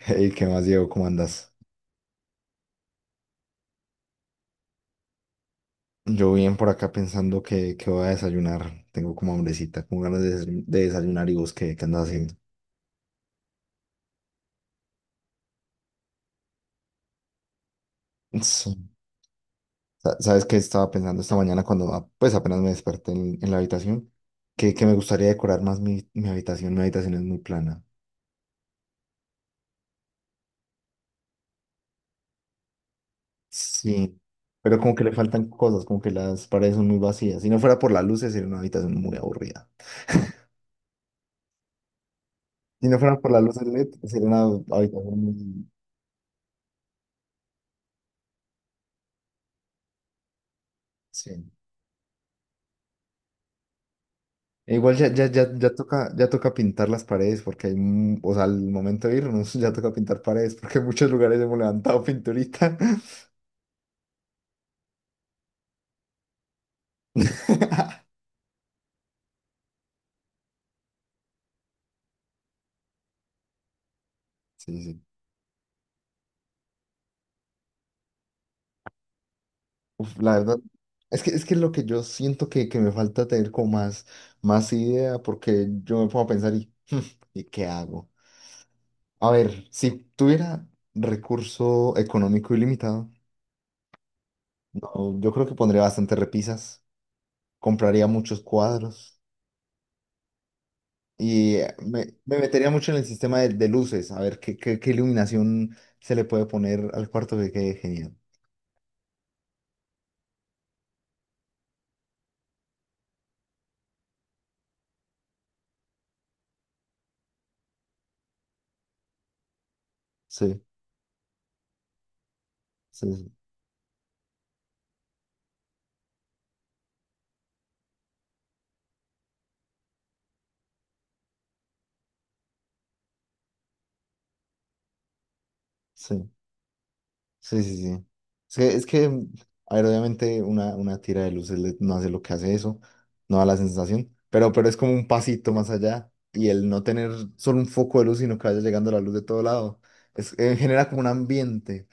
Hey, ¿qué más, Diego? ¿Cómo andas? Yo bien por acá pensando que voy a desayunar. Tengo como hambrecita, como ganas de desayunar y vos, ¿qué andas haciendo? Sí. ¿Sabes qué estaba pensando esta mañana cuando pues apenas me desperté en la habitación? Que me gustaría decorar más mi habitación. Mi habitación es muy plana. Sí, pero como que le faltan cosas, como que las paredes son muy vacías. Si no fuera por las luces, sería una habitación muy aburrida. Si no fuera por las luces LED, sería una habitación muy... Sí. E igual ya toca, ya toca pintar las paredes porque hay, mu- o sea, al momento de irnos ya toca pintar paredes porque en muchos lugares hemos levantado pinturita. Sí, sí. Uf, la verdad, es que lo que yo siento que me falta tener como más, más idea porque yo me pongo a pensar ¿y qué hago? A ver, si tuviera recurso económico ilimitado, no, yo creo que pondría bastantes repisas, compraría muchos cuadros. Y me metería mucho en el sistema de luces, a ver qué iluminación se le puede poner al cuarto que quede genial. Sí, sí, sí, sí, sí, sí. Sí. Es que, es que, a ver, obviamente una tira de luces no hace lo que hace eso, no da la sensación, pero es como un pasito más allá y el no tener solo un foco de luz, sino que vaya llegando la luz de todo lado, genera como un ambiente.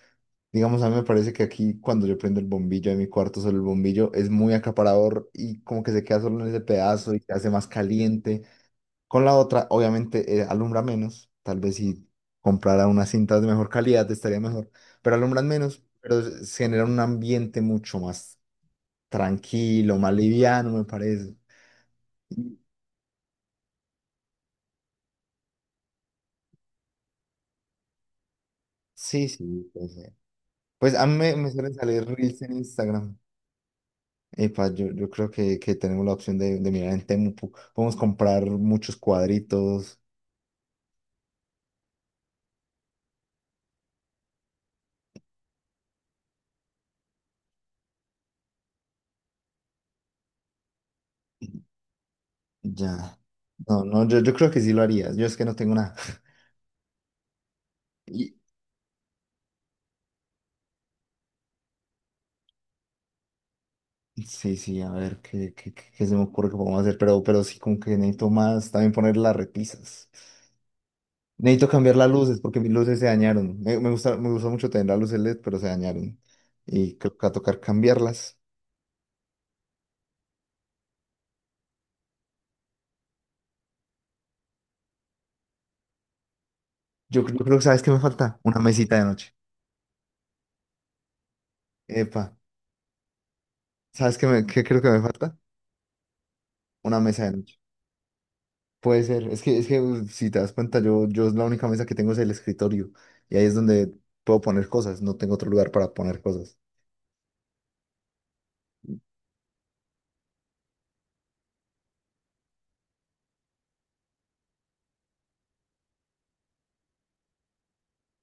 Digamos, a mí me parece que aquí cuando yo prendo el bombillo de mi cuarto, solo el bombillo es muy acaparador y como que se queda solo en ese pedazo y se hace más caliente. Con la otra, obviamente, alumbra menos. Tal vez si comprara unas cintas de mejor calidad estaría mejor, pero alumbran menos, pero se genera un ambiente mucho más tranquilo, más liviano, me parece. Y- Sí, sí, puede ser. Pues a mí me suelen salir reels en Instagram. Epa, yo creo que tenemos la opción de mirar en Temu. Podemos comprar muchos cuadritos. Ya. No, no, yo creo que sí lo haría. Yo es que no tengo nada. Y, sí, sí, a ver qué se me ocurre que podemos hacer. Pero sí, como que necesito más también poner las repisas. Necesito cambiar las luces porque mis luces se dañaron. Me gustó mucho tener las luces LED, pero se dañaron. Y creo que va a tocar cambiarlas. Yo creo que, ¿sabes qué me falta? Una mesita de noche. Epa, ¿sabes qué creo que me falta? Una mesa de noche. Puede ser, es que si te das cuenta, yo la única mesa que tengo es el escritorio y ahí es donde puedo poner cosas, no tengo otro lugar para poner cosas.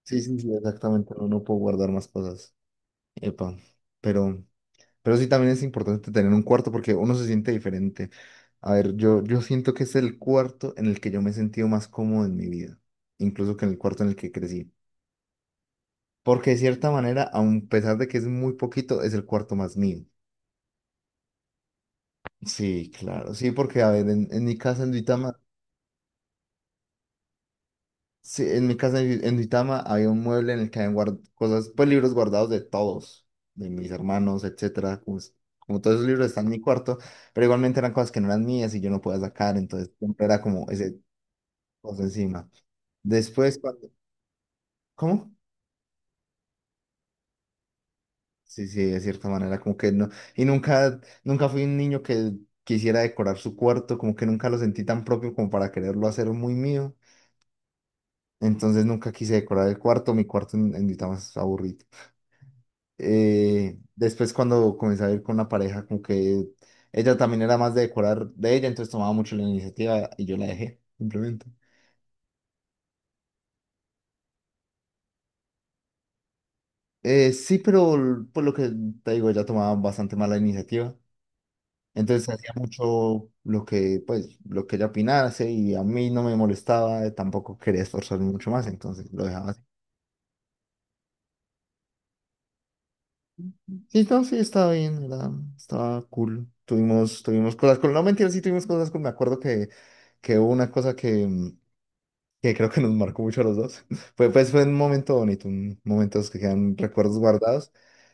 Sí, sí, sí, exactamente, no, no puedo guardar más cosas. Epa, pero, pero sí también es importante tener un cuarto porque uno se siente diferente. A ver, yo siento que es el cuarto en el que yo me he sentido más cómodo en mi vida, incluso que en el cuarto en el que crecí. Porque de cierta manera, a pesar de que es muy poquito, es el cuarto más mío. Sí, claro, sí, porque a ver, en mi casa en Duitama. Sí, en mi casa en Duitama había un mueble en el que habían pues libros guardados de todos, de mis hermanos, etcétera. Como todos esos libros están en mi cuarto, pero igualmente eran cosas que no eran mías y yo no podía sacar, entonces siempre era como ese cosa encima. Después, cuando, ¿cómo? Sí, sí, de cierta manera, como que no. Y nunca fui un niño que quisiera decorar su cuarto, como que nunca lo sentí tan propio como para quererlo hacer muy mío. Entonces nunca quise decorar el cuarto, mi cuarto en Duitama es aburrido. Después cuando comencé a ir con una pareja, como que ella también era más de decorar de ella, entonces tomaba mucho la iniciativa y yo la dejé, simplemente. Sí, pero pues lo que te digo, ella tomaba bastante mala iniciativa. Entonces hacía mucho lo que, pues, lo que ella opinase y a mí no me molestaba, tampoco quería esforzarme mucho más, entonces lo dejaba así. Sí, no, sí, estaba bien, era, estaba cool. Tuvimos, tuvimos cosas con, no mentira, sí tuvimos cosas con, me acuerdo que hubo una cosa que creo que nos marcó mucho a los dos. Fue, pues fue un momento bonito, un momentos que quedan recuerdos guardados.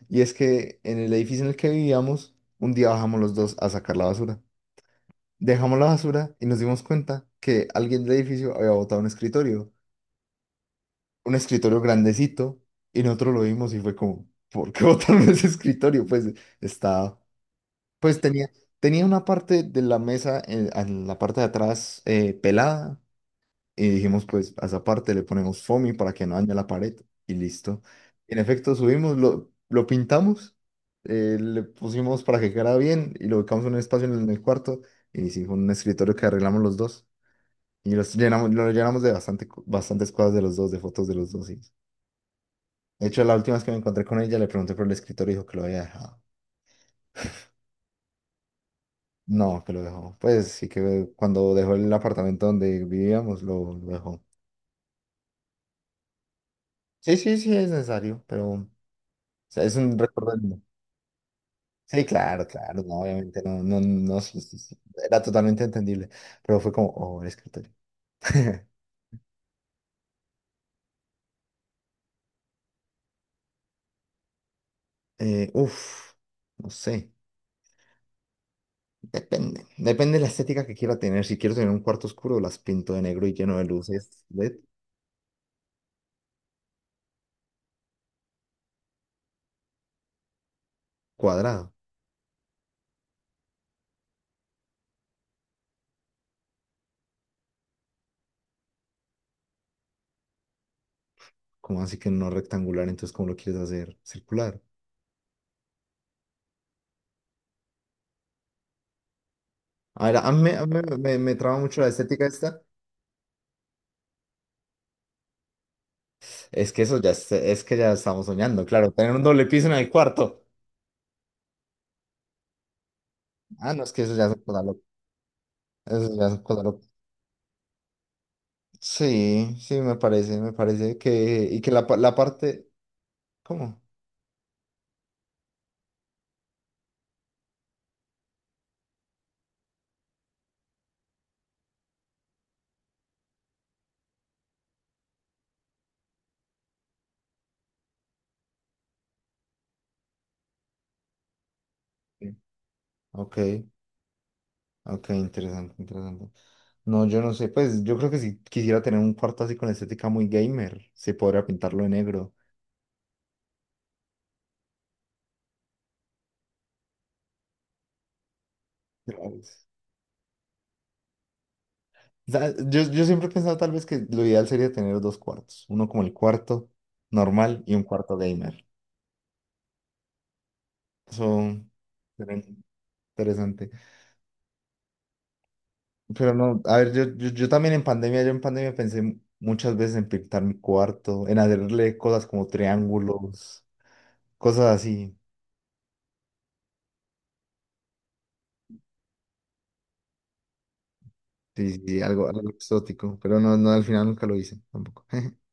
Y es que en el edificio en el que vivíamos, un día bajamos los dos a sacar la basura. Dejamos la basura y nos dimos cuenta que alguien del edificio había botado un escritorio grandecito, y nosotros lo vimos y fue como, ¿por qué botaron ese escritorio? Pues estaba, pues tenía, tenía una parte de la mesa, en la parte de atrás pelada. Y dijimos, pues a esa parte le ponemos foamy para que no dañe la pared y listo. En efecto, subimos, lo pintamos, le pusimos para que quedara bien y lo ubicamos en un espacio en el cuarto y hicimos un escritorio que arreglamos los dos y los llenamos, lo llenamos de bastante, bastantes cosas de los dos, de fotos de los dos. Sí. De hecho, la última vez que me encontré con ella le pregunté por el escritorio y dijo que lo había dejado. No, que lo dejó. Pues sí que cuando dejó el apartamento donde vivíamos, lo dejó. Sí, sí, sí, es necesario, pero... O sea, es un recuerdo. Sí, claro, claro, no, obviamente, no, no, no, era totalmente entendible, pero fue como, oh, el escritorio. Uf, no sé, depende, depende de la estética que quiera tener, si quiero tener un cuarto oscuro, las pinto de negro y lleno de luces LED. Cuadrado, como así que no rectangular, entonces, ¿cómo lo quieres hacer? Circular. A ver, a mí me traba mucho la estética esta, es que eso ya, es que ya estamos soñando, claro, tener un doble piso en el cuarto, ah, no, es que eso ya es cosa loca, eso ya es cosa loca. Sí, sí, me parece que, y que la parte, ¿cómo? Sí. Ok, ok, interesante, interesante. No, yo no sé, pues yo creo que si quisiera tener un cuarto así con estética muy gamer, se podría pintarlo de negro. Claro. Yo siempre he pensado tal vez que lo ideal sería tener dos cuartos, uno como el cuarto normal y un cuarto gamer. Eso sería interesante. Pero no, a ver, yo también en pandemia, yo en pandemia pensé muchas veces en pintar mi cuarto, en hacerle cosas como triángulos, cosas así. Sí, sí, sí, algo, algo exótico, pero no, no, al final nunca lo hice tampoco.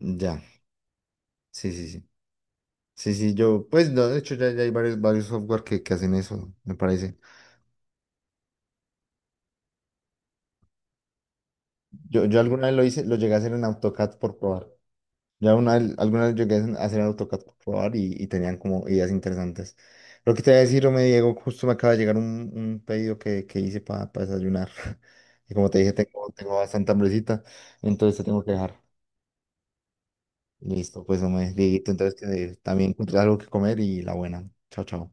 Ya, sí, sí, sí. Sí, sí, yo, pues no, de hecho ya, ya hay varios, varios software que hacen eso, me parece. Yo alguna vez lo hice, lo llegué a hacer en AutoCAD por probar. Ya una, algunas alguna llegué a hacer AutoCAD por probar y tenían como ideas interesantes. Lo que te voy a decir, me Diego, justo me acaba de llegar un pedido que hice para desayunar. Y como te dije, tengo, tengo bastante hambrecita, entonces te tengo que dejar. Listo, pues, hombre, Dieguito, entonces que también encontré algo que comer y la buena. Chao, chao.